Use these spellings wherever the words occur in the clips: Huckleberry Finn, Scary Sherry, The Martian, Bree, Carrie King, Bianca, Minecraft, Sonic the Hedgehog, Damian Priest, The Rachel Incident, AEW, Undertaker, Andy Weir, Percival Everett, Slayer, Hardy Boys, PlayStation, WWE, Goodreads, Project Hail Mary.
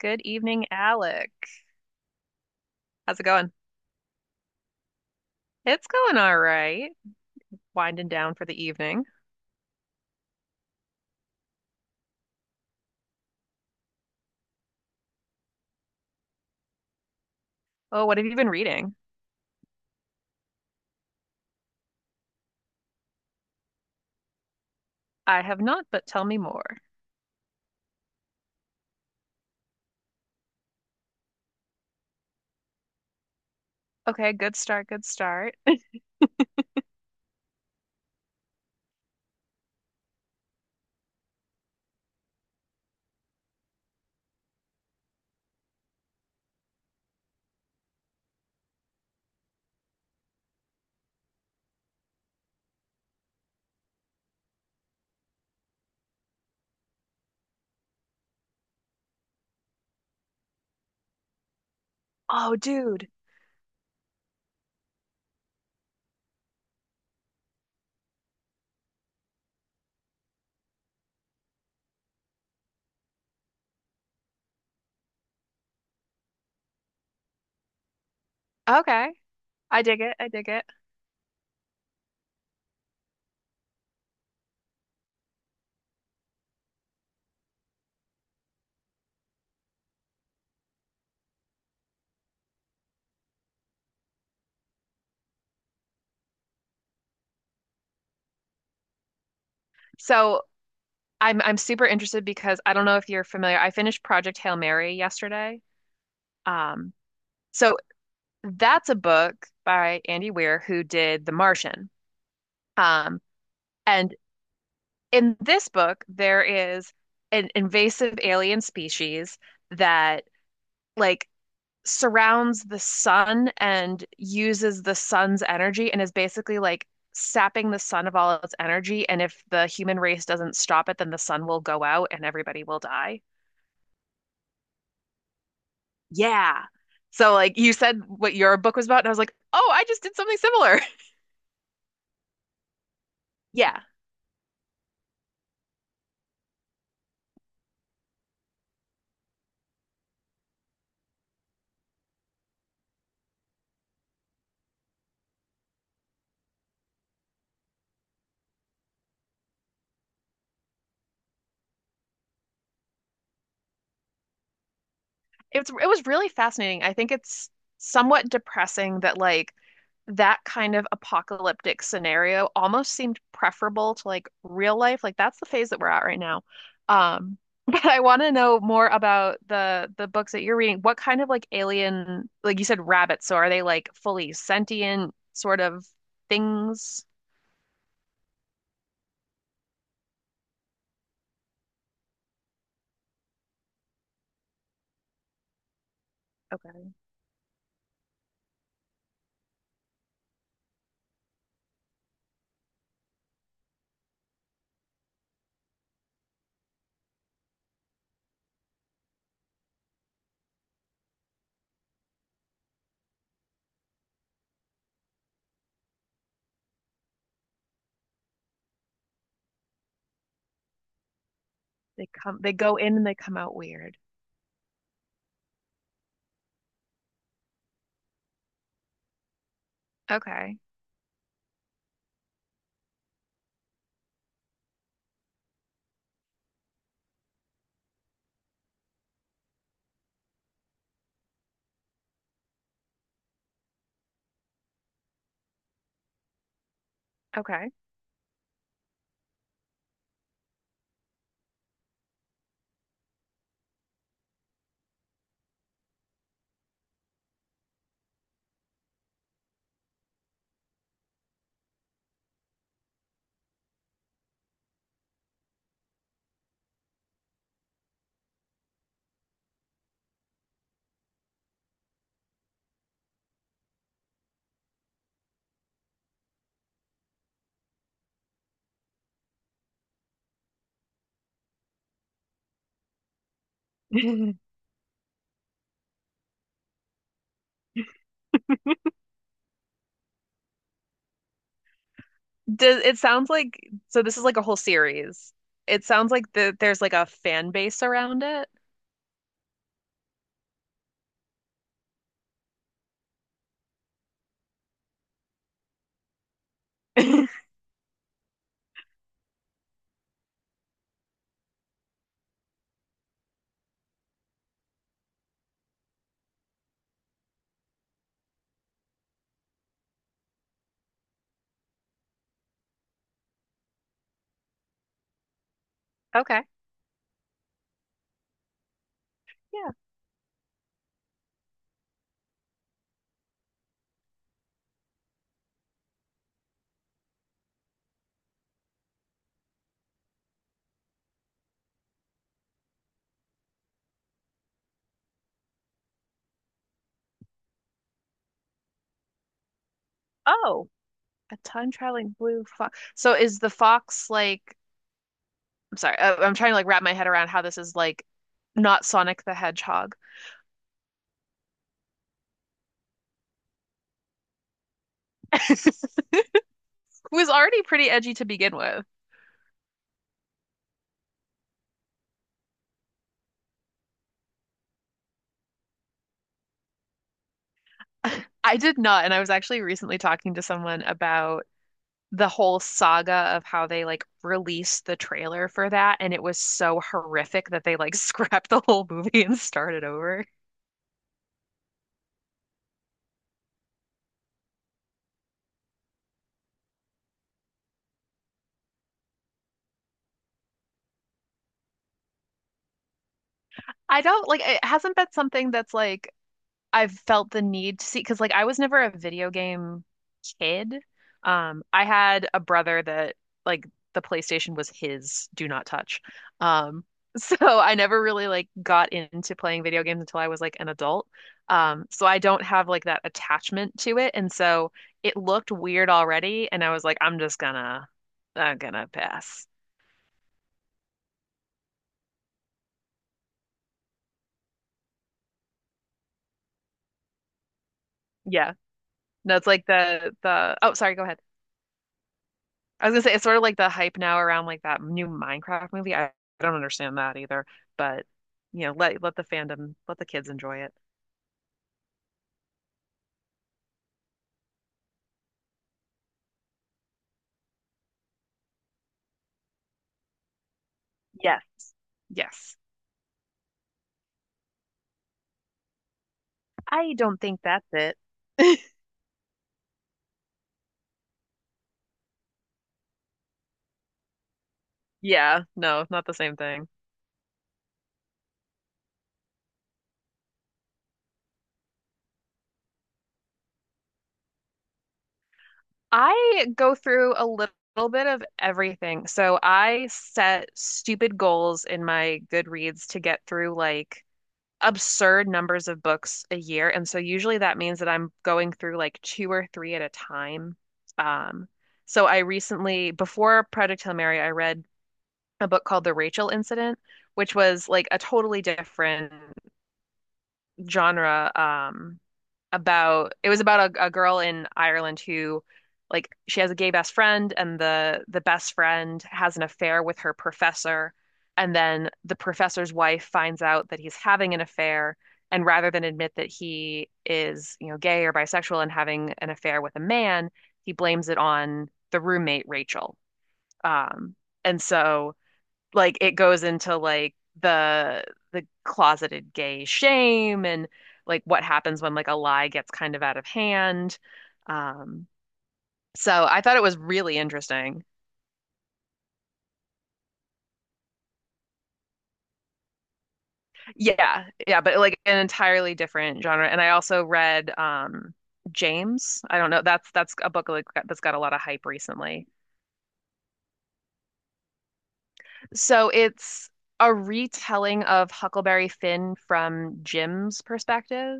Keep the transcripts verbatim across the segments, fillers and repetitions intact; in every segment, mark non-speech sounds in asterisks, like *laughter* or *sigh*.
Good evening, Alec. How's it going? It's going all right. Winding down for the evening. Oh, what have you been reading? I have not, but tell me more. Okay, good start, good start. *laughs* Oh, dude. Okay. I dig it. I dig it. So, I'm I'm super interested because I don't know if you're familiar. I finished Project Hail Mary yesterday. Um, so that's a book by Andy Weir who did The Martian. Um, and in this book, there is an invasive alien species that like surrounds the sun and uses the sun's energy and is basically like sapping the sun of all its energy. And if the human race doesn't stop it, then the sun will go out and everybody will die. Yeah. So like you said what your book was about, and I was like, oh, I just did something similar. *laughs* Yeah. it's it was really fascinating. I think it's somewhat depressing that like that kind of apocalyptic scenario almost seemed preferable to like real life. Like that's the phase that we're at right now. Um, *laughs* but I want to know more about the the books that you're reading. What kind of like alien, like you said, rabbits? So are they like fully sentient sort of things? Okay, they come, they go in and they come out weird. Okay, okay. *laughs* Does it sounds like so this is like a whole series. It sounds like the, there's like a fan base around it. *laughs* Okay. Yeah. Oh, a time traveling blue fox. So is the fox like I'm sorry, uh, I'm trying to like wrap my head around how this is like not Sonic the Hedgehog, *laughs* who was already pretty edgy to begin with. *laughs* I did not, and I was actually recently talking to someone about the whole saga of how they like released the trailer for that and it was so horrific that they like *laughs* scrapped the whole movie and started over. I don't like it hasn't been something that's like I've felt the need to see because like I was never a video game kid. Um, I had a brother that like the PlayStation was his, do not touch. Um, *laughs* so I never really like got into playing video games until I was like an adult. Um, so I don't have like that attachment to it, and so it looked weird already, and I was like, I'm just gonna, I'm gonna pass. Yeah, no, it's like the the. Oh, sorry, go ahead. I was gonna say it's sort of like the hype now around like that new Minecraft movie. I, I don't understand that either, but you know, let let the fandom, let the kids enjoy it. Yes. Yes. I don't think that's it. *laughs* Yeah, no, not the same thing. I go through a little bit of everything. So I set stupid goals in my Goodreads to get through like absurd numbers of books a year. And so usually that means that I'm going through like two or three at a time. Um, so I recently, before Project Hail Mary, I read a book called The Rachel Incident, which was like a totally different genre. Um, about it was about a, a girl in Ireland who like she has a gay best friend and the the best friend has an affair with her professor, and then the professor's wife finds out that he's having an affair, and rather than admit that he is, you know, gay or bisexual and having an affair with a man, he blames it on the roommate Rachel. Um and so like it goes into like the the closeted gay shame and like what happens when like a lie gets kind of out of hand. Um, so I thought it was really interesting. Yeah, yeah, but like an entirely different genre. And I also read um James. I don't know. That's that's a book like that's got a lot of hype recently. So it's a retelling of Huckleberry Finn from Jim's perspective.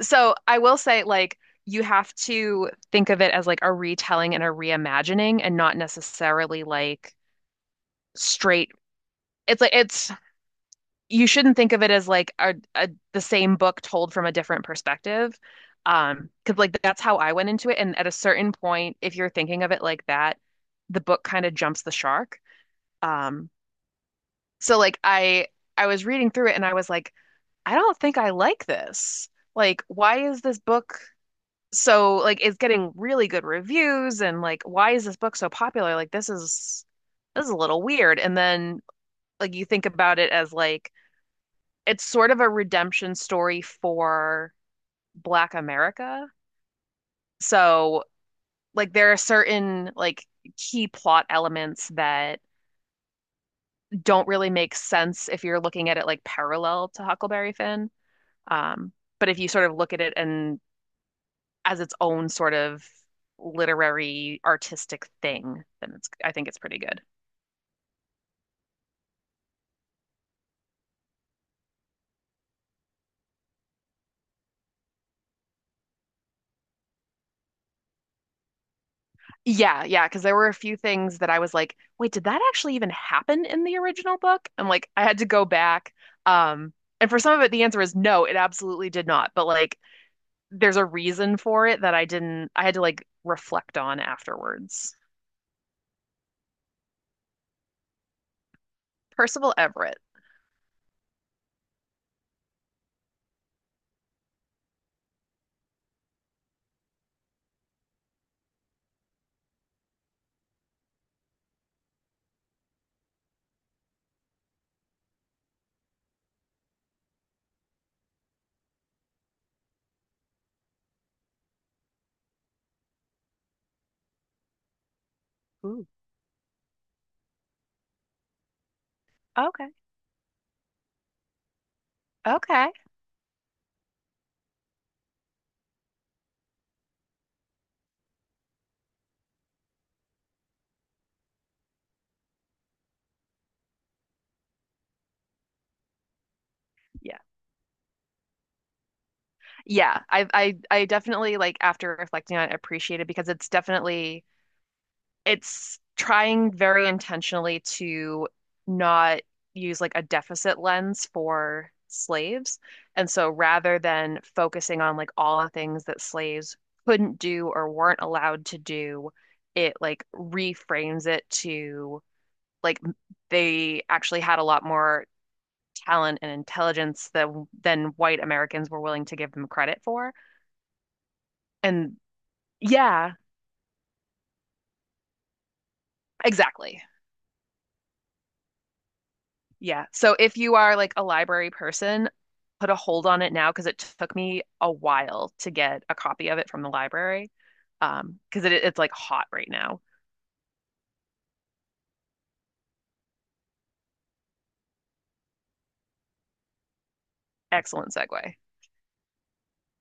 So I will say, like, you have to think of it as like a retelling and a reimagining and not necessarily like straight. It's like, it's, you shouldn't think of it as like a, a the same book told from a different perspective. Um, because like that's how I went into it. And at a certain point, if you're thinking of it like that, the book kind of jumps the shark. Um, so like I, I was reading through it and I was like, I don't think I like this. Like, why is this book? So like it's getting really good reviews and like why is this book so popular? Like this is this is a little weird. And then like you think about it as like it's sort of a redemption story for Black America. So like there are certain like key plot elements that don't really make sense if you're looking at it like parallel to Huckleberry Finn. Um, but if you sort of look at it and as its own sort of literary artistic thing, then it's I think it's pretty good. Yeah, yeah, because there were a few things that I was like, wait, did that actually even happen in the original book? And like I had to go back. Um, and for some of it, the answer is no, it absolutely did not. But like there's a reason for it that I didn't I had to like reflect on afterwards. Percival Everett. Ooh. Okay. Okay. Yeah. Yeah. I I I definitely like after reflecting on it appreciate it because it's definitely it's trying very intentionally to not use like a deficit lens for slaves. And so rather than focusing on like all the things that slaves couldn't do or weren't allowed to do, it like reframes it to like they actually had a lot more talent and intelligence than than white Americans were willing to give them credit for. And yeah, exactly. Yeah. So if you are like a library person, put a hold on it now because it took me a while to get a copy of it from the library. Um, because it, it's like hot right now. Excellent segue.